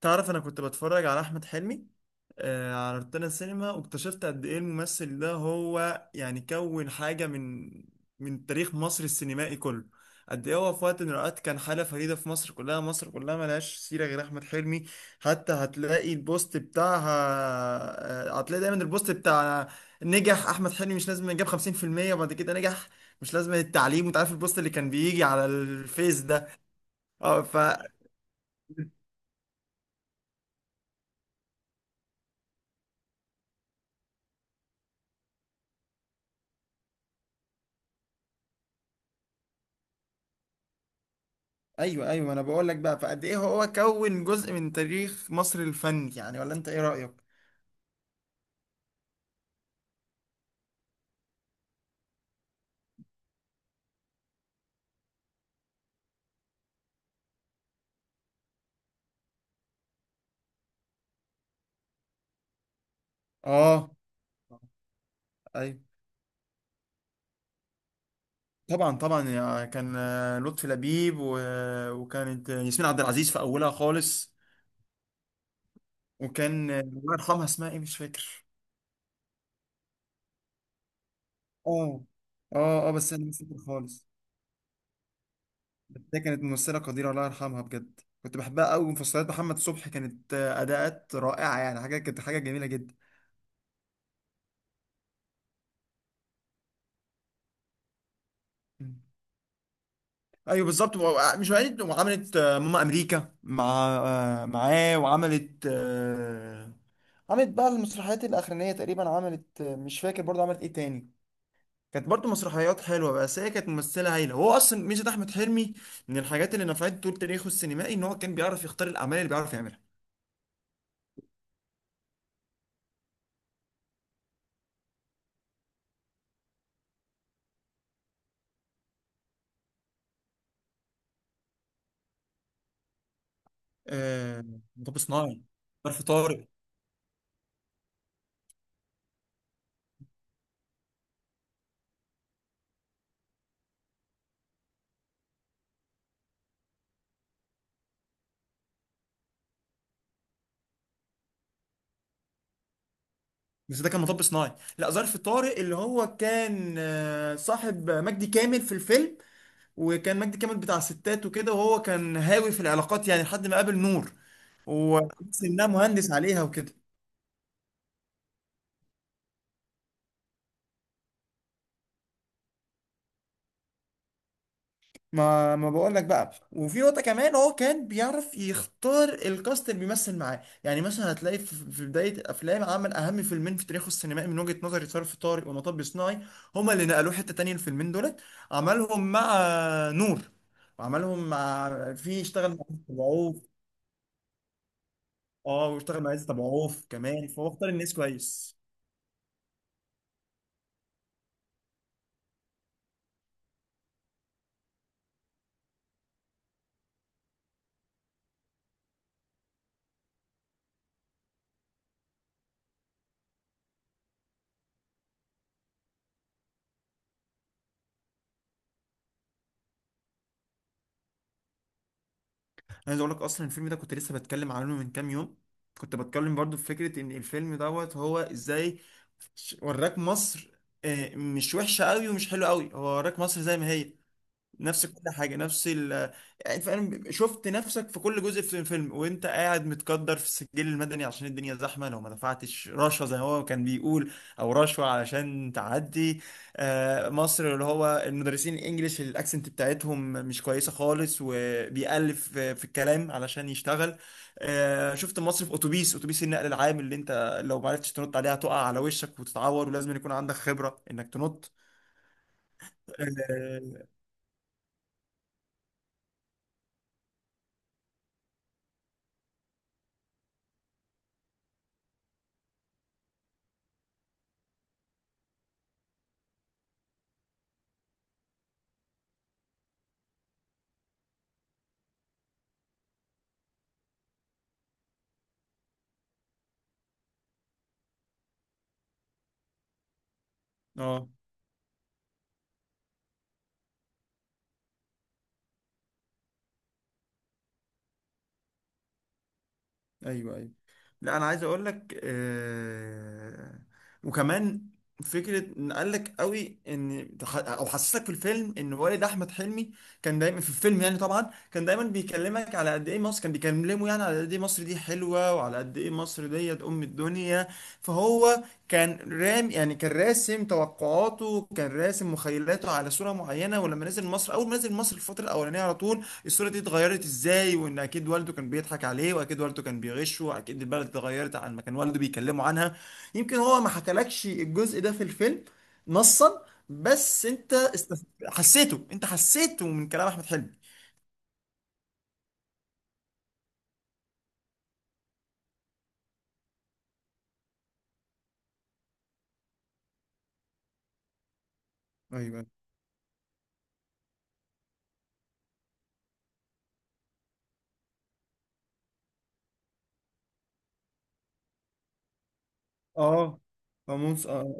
تعرف، انا كنت بتفرج على احمد حلمي على روتانا السينما، واكتشفت قد ايه الممثل ده. هو يعني كون حاجه من تاريخ مصر السينمائي كله. قد ايه هو في وقت من الاوقات كان حاله فريده في مصر كلها، مصر كلها ملهاش سيره غير احمد حلمي. حتى هتلاقي البوست بتاعها. هتلاقي دايما البوست بتاع نجح احمد حلمي، مش لازم جاب 50% وبعد كده نجح، مش لازم التعليم. وانت عارف البوست اللي كان بيجي على الفيس ده. اه ف ايوه، ايوه، انا بقول لك بقى، فقد ايه هو كون جزء من تاريخ مصر الفني، يعني ولا انت ايه رأيك؟ اه، ايوه. طبعا، طبعا، كان لطفي لبيب و- وكانت ياسمين عبد العزيز في اولها خالص. وكان الله يرحمها، اسمها ايه، مش فاكر. اه، اه، اه، بس انا مش فاكر خالص. بس هي كانت ممثلة قديرة، الله يرحمها، بجد كنت بحبها قوي. ومسلسلات محمد صبحي كانت اداءات رائعة، يعني حاجة، كانت حاجة جميلة جدا. ايوه بالظبط، مش وقعت وعملت ماما امريكا مع آه، معاه. وعملت عملت بقى المسرحيات الاخرانيه تقريبا. عملت مش فاكر برضه عملت ايه تاني. كانت برضه مسرحيات حلوه، بس هي كانت ممثله هايله. هو اصلا ميزه احمد حلمي من الحاجات اللي نفعت طول تاريخه السينمائي ان هو كان بيعرف يختار الاعمال اللي بيعرف يعملها. آه، مطب صناعي. ظرف طارق. بس ده كان مطب صناعي، لا ظرف طارق، اللي هو كان صاحب مجدي كامل في الفيلم. وكان مجدي كامل بتاع ستات وكده، وهو كان هاوي في العلاقات، يعني لحد ما قابل نور. وحس انها مهندس عليها وكده. ما بقول لك بقى، وفي نقطة كمان هو كان بيعرف يختار الكاست اللي بيمثل معاه، يعني مثلا هتلاقي في بداية الافلام عمل اهم فيلمين في تاريخه السينمائي من وجهة نظري، ظرف طارق ومطب صناعي. هما اللي نقلوه حتة تانية، الفيلمين دولت. عملهم مع نور، وعملهم مع، في اشتغل مع عز تبعوف. اه، واشتغل مع عز تبعوف كمان، فهو اختار الناس كويس. عايز اقول لك، اصلا الفيلم ده كنت لسه بتكلم عنه من كام يوم. كنت بتكلم برضو في فكره ان الفيلم دوت هو ازاي. وراك مصر، مش وحشه قوي ومش حلوه قوي، هو وراك مصر زي ما هي، نفس كل حاجه، نفس يعني فعلا شفت نفسك في كل جزء في الفيلم. وانت قاعد متقدر في السجل المدني عشان الدنيا زحمه، لو ما دفعتش رشوه زي ما هو كان بيقول، او رشوه علشان تعدي. مصر اللي هو المدرسين الانجليش الاكسنت بتاعتهم مش كويسه خالص، وبيألف في الكلام علشان يشتغل. شفت مصر في اتوبيس النقل العام اللي انت لو ما عرفتش تنط عليها تقع على وشك وتتعور، ولازم يكون عندك خبره انك تنط. اه، آه. ايوه، ايوه. لا انا عايز اقول لك وكمان فكره ان قال لك قوي، ان او حسسك في الفيلم ان والد احمد حلمي كان دايما في الفيلم. يعني طبعا كان دايما بيكلمك على قد ايه مصر، كان بيكلمه يعني على قد ايه مصر دي حلوه، وعلى قد ايه مصر ديت ام الدنيا. فهو كان رام، يعني كان راسم توقعاته، كان راسم مخيلاته على صوره معينه، ولما نزل مصر، اول ما نزل مصر الفتره الاولانيه على طول الصورة دي اتغيرت ازاي. وان اكيد والده كان بيضحك عليه، واكيد والده كان بيغشه، اكيد البلد اتغيرت عن ما كان والده بيكلمه عنها. يمكن هو ما حكالكش الجزء ده في الفيلم نصا، بس انت حسيته، انت حسيته من كلام احمد حلمي. ايوه، اه. هو اه.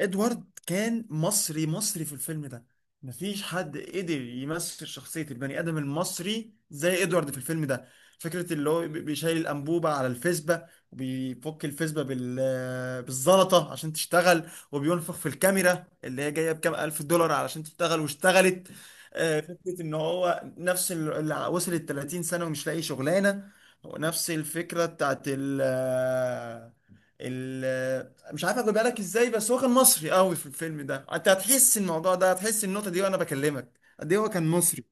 ادوارد كان مصري، مصري في الفيلم ده. مفيش حد قدر يمثل شخصية البني آدم المصري زي ادوارد في الفيلم ده. فكرة اللي هو بيشيل الأنبوبة على الفيسبا، وبيفك الفيسبا بالزلطة عشان تشتغل، وبينفخ في الكاميرا اللي هي جاية بكام ألف دولار علشان تشتغل واشتغلت. فكرة إن هو نفس اللي وصلت 30 سنة ومش لاقي شغلانة، ونفس الفكرة بتاعت ال... مش عارف اخد بالك ازاي، بس هو كان مصري قوي في الفيلم ده، انت هتحس الموضوع ده، هتحس النقطه دي وانا بكلمك قد ايه هو كان مصري.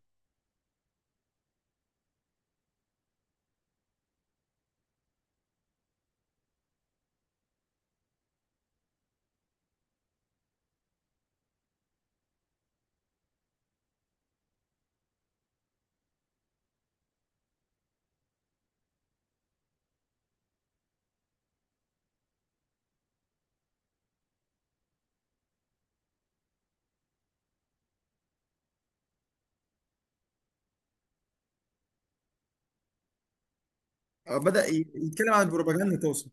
بدأ يتكلم عن البروباجندا توصل.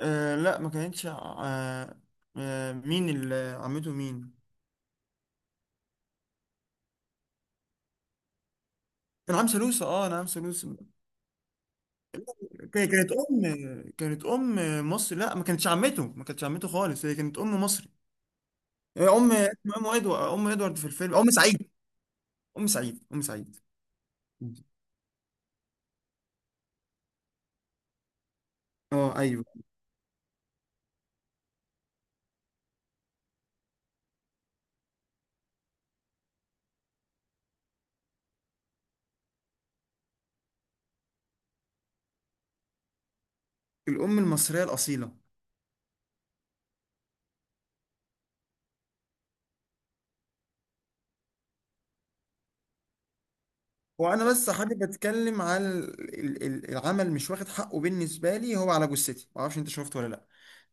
لا، ما كانتش. مين اللي، عمته مين؟ انعام سلوسة، اه، انعام سلوسة. ك- كانت ام كانت ام مصري، لا ما كانتش عمته، ما كانتش عمته خالص، هي كانت ام مصري. ام، اسمها ام ادوارد، ام ادوارد في الفيلم، ام سعيد، ام سعيد، ام سعيد. اه، ايوه. الام المصريه الاصيله. وانا بس حابب اتكلم على العمل، مش واخد حقه بالنسبه لي. هو، على جثتي، ما اعرفش انت شفته ولا لا،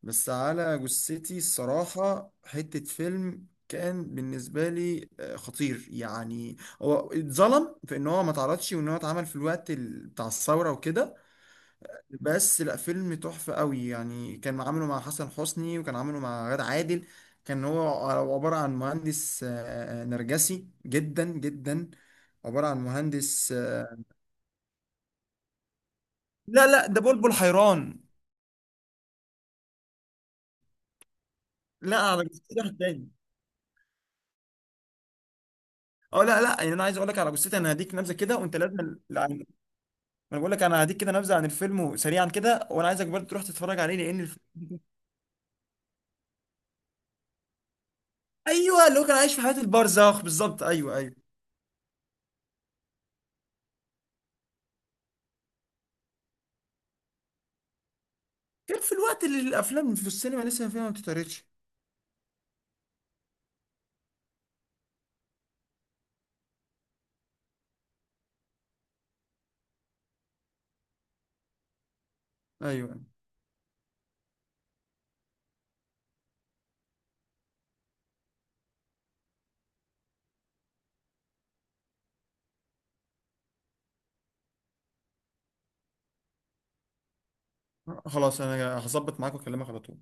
بس على جثتي الصراحه حته فيلم، كان بالنسبه لي خطير، يعني هو اتظلم في ان هو ما اتعرضش، وان هو اتعمل في الوقت بتاع الثوره وكده. بس لا، فيلم تحفه قوي يعني. كان عامله مع حسن حسني، وكان عامله مع غادة عادل. كان هو عباره عن مهندس نرجسي جدا جدا، عبارة عن مهندس لا، لا، ده بلبل حيران. لا، على جثتي واحد تاني. اه، لا، لا، يعني انا عايز اقول لك على جثتي، انا هديك نبذه كده وانت لازم، لا انا بقول لك، انا هديك كده نبذه عن الفيلم سريعا كده، وانا عايزك برضه تروح تتفرج عليه لان الفيلم ايوه، اللي هو كان عايش في حياه البرزخ بالظبط. ايوه، ايوه. كان في الوقت اللي الافلام في السينما لسه فيها ما بتتعرضش. ايوه، خلاص، انا هظبط معاك واكلمك على طول.